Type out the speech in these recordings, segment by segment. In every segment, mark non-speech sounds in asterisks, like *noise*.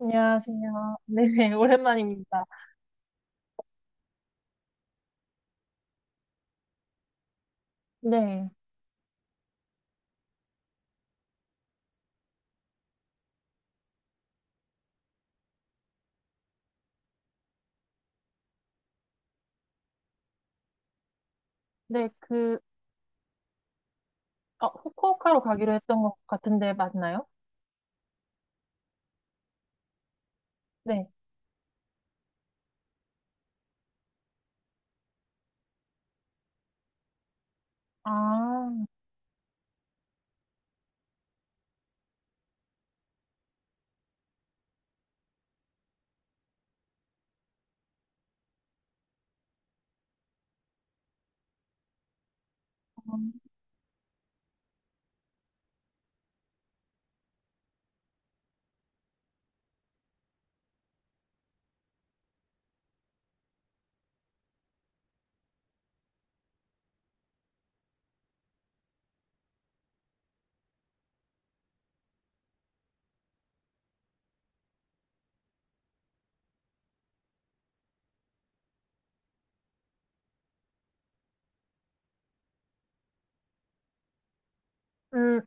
안녕하세요. 네, *laughs* 오랜만입니다. 네. 네, 그, 후쿠오카로 가기로 했던 것 같은데 맞나요? 네. 아, 음, 음,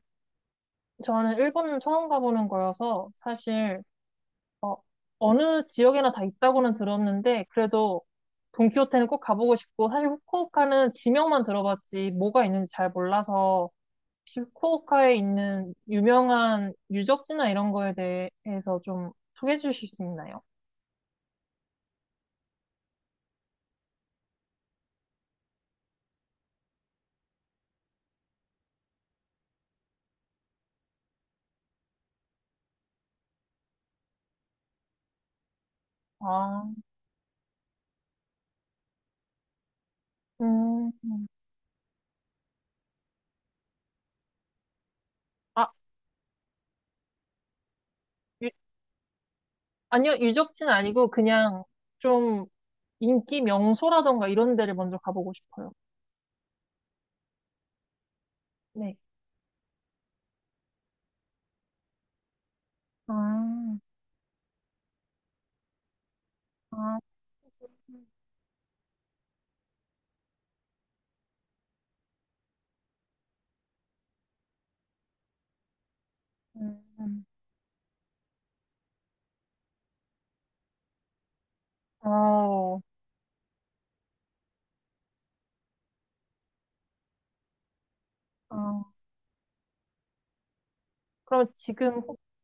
저는 일본 처음 가보는 거여서 사실, 어, 어느 지역에나 다 있다고는 들었는데, 그래도 돈키호테는 꼭 가보고 싶고, 사실 후쿠오카는 지명만 들어봤지 뭐가 있는지 잘 몰라서, 혹시 후쿠오카에 있는 유명한 유적지나 이런 거에 대해서 좀 소개해 주실 수 있나요? 아, 음, 아, 유- 아니요, 유적지는 아니고 그냥 좀 인기 명소라던가 이런 데를 먼저 가보고 싶어요. 네. 아, 아, 음, 어, 어, 그럼 지금부터,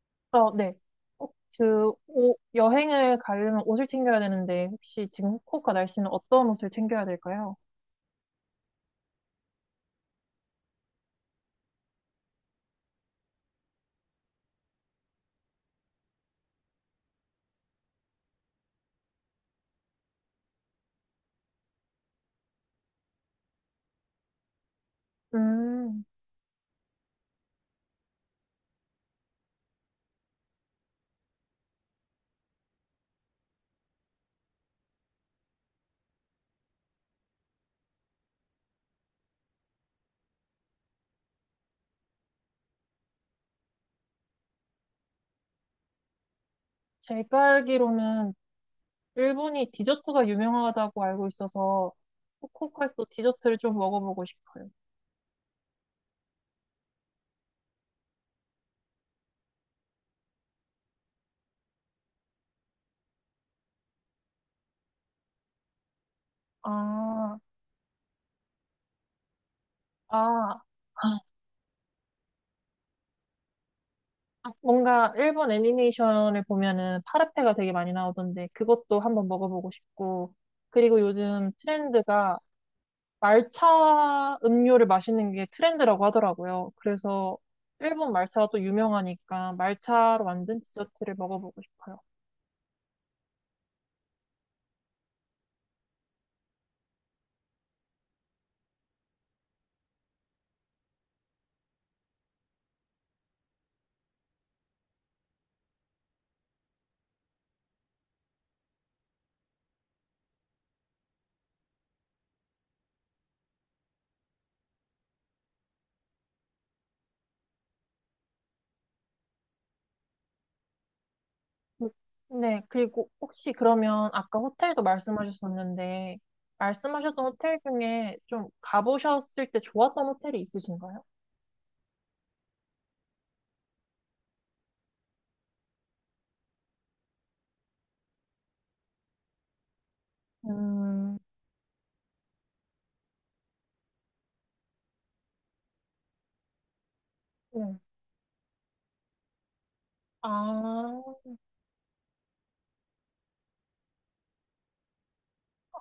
네. 꼭 그, 오 여행을 가려면 옷을 챙겨야 되는데, 혹시 지금 후쿠오카 날씨는 어떤 옷을 챙겨야 될까요? 음, 제가 알기로는 일본이 디저트가 유명하다고 알고 있어서 후쿠오카에서 디저트를 좀 먹어보고 싶어요. 아, 아, 아, 뭔가 일본 애니메이션을 보면은 파르페가 되게 많이 나오던데 그것도 한번 먹어보고 싶고, 그리고 요즘 트렌드가 말차 음료를 마시는 게 트렌드라고 하더라고요. 그래서 일본 말차가 또 유명하니까 말차로 만든 디저트를 먹어보고 싶어요. 네, 그리고 혹시 그러면 아까 호텔도 말씀하셨었는데 말씀하셨던 호텔 중에 좀 가보셨을 때 좋았던 호텔이 있으신가요? 음, 네. 아,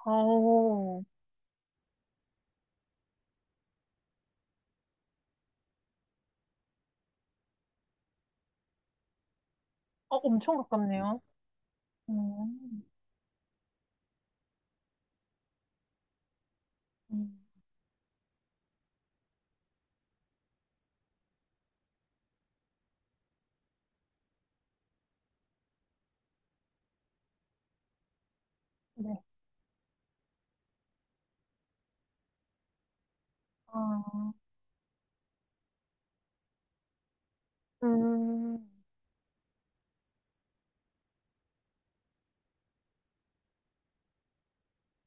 아오. 엄청 가깝네요. 음, 음, 네. 아, 음,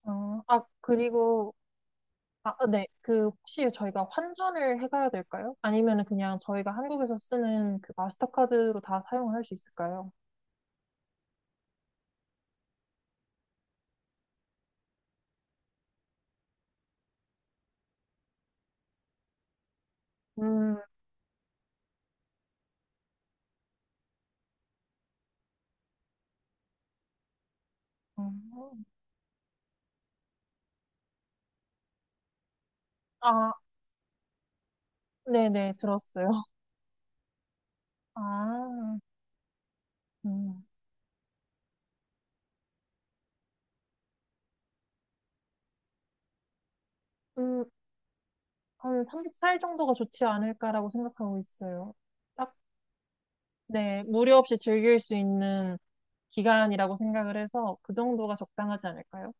아, 아, 그리고, 아, 아, 네. 그, 혹시 저희가 환전을 해가야 될까요? 아니면 은 그냥 저희가 한국에서 쓰는 그 마스터카드로 다 사용을 할 수 있을까요? 음, 음. 아, 네네, 들었어요. *laughs* 아, 음, 음, 한 3박 4일 정도가 좋지 않을까라고 생각하고 있어요. 딱 네, 무료 없이 즐길 수 있는 기간이라고 생각을 해서 그 정도가 적당하지 않을까요?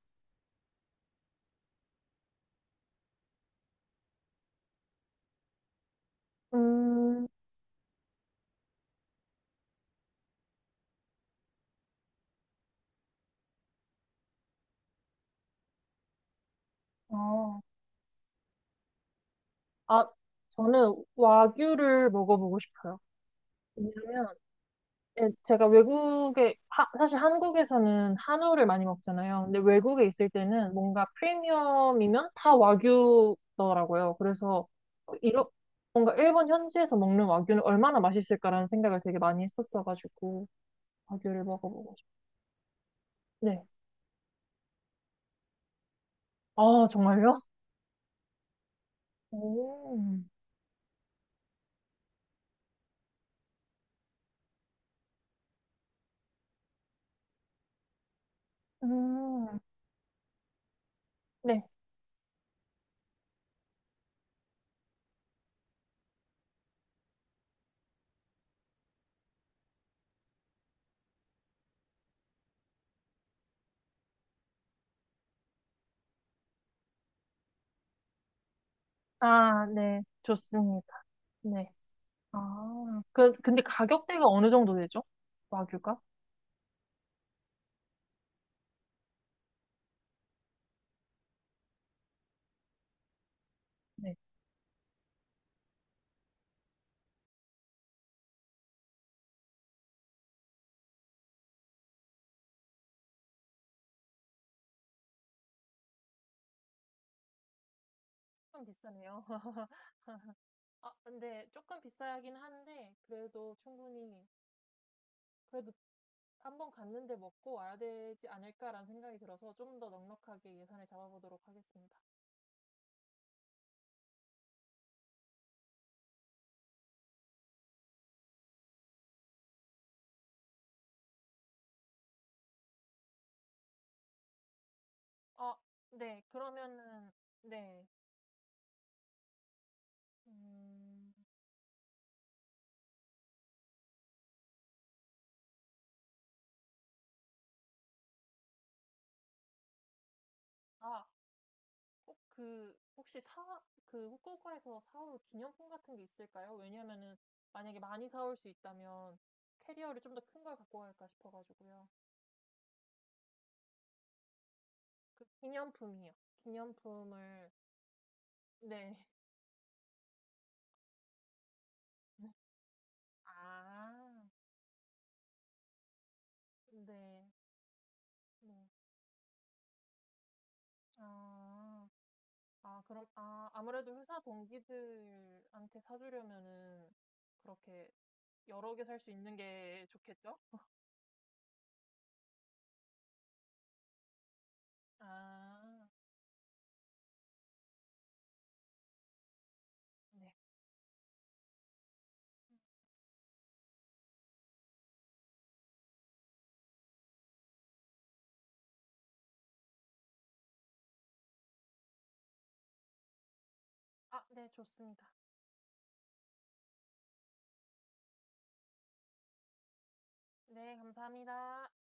음, 어, 아, 저는 와규를 먹어보고 싶어요. 왜냐면, 예, 제가 외국에, 사실 한국에서는 한우를 많이 먹잖아요. 근데 외국에 있을 때는 뭔가 프리미엄이면 다 와규더라고요. 그래서, 이러, 뭔가 일본 현지에서 먹는 와규는 얼마나 맛있을까라는 생각을 되게 많이 했었어가지고, 와규를 먹어보고 싶어요. 네. 아, 정말요? 오, 음, 네. 아, 네. 좋습니다. 네. 아, 그, 근데 가격대가 어느 정도 되죠? 와규가? 네. 조금 비싸네요. *laughs* 아, 근데 조금 비싸긴 한데, 그래도 충분히, 그래도 한 번 갔는데 먹고 와야 되지 않을까라는 생각이 들어서 좀 더 넉넉하게 예산을 잡아보도록 하겠습니다. 아, 네. 그러면은, 네. 음, 아, 꼭 그, 혹시 그 후쿠오카에서 사올 기념품 같은 게 있을까요? 왜냐면은 만약에 많이 사올 수 있다면 캐리어를 좀 더 큰 걸 갖고 갈까 싶어가지고요. 그 기념품이요. 기념품을, 네. *laughs* 아, 네. 네. 아, 아, 그럼, 아, 아무래도 회사 동기들한테 사주려면은 그렇게 여러 개 살 수 있는 게 좋겠죠? 아, 네. 아, 네, 좋습니다. 네, 감사합니다.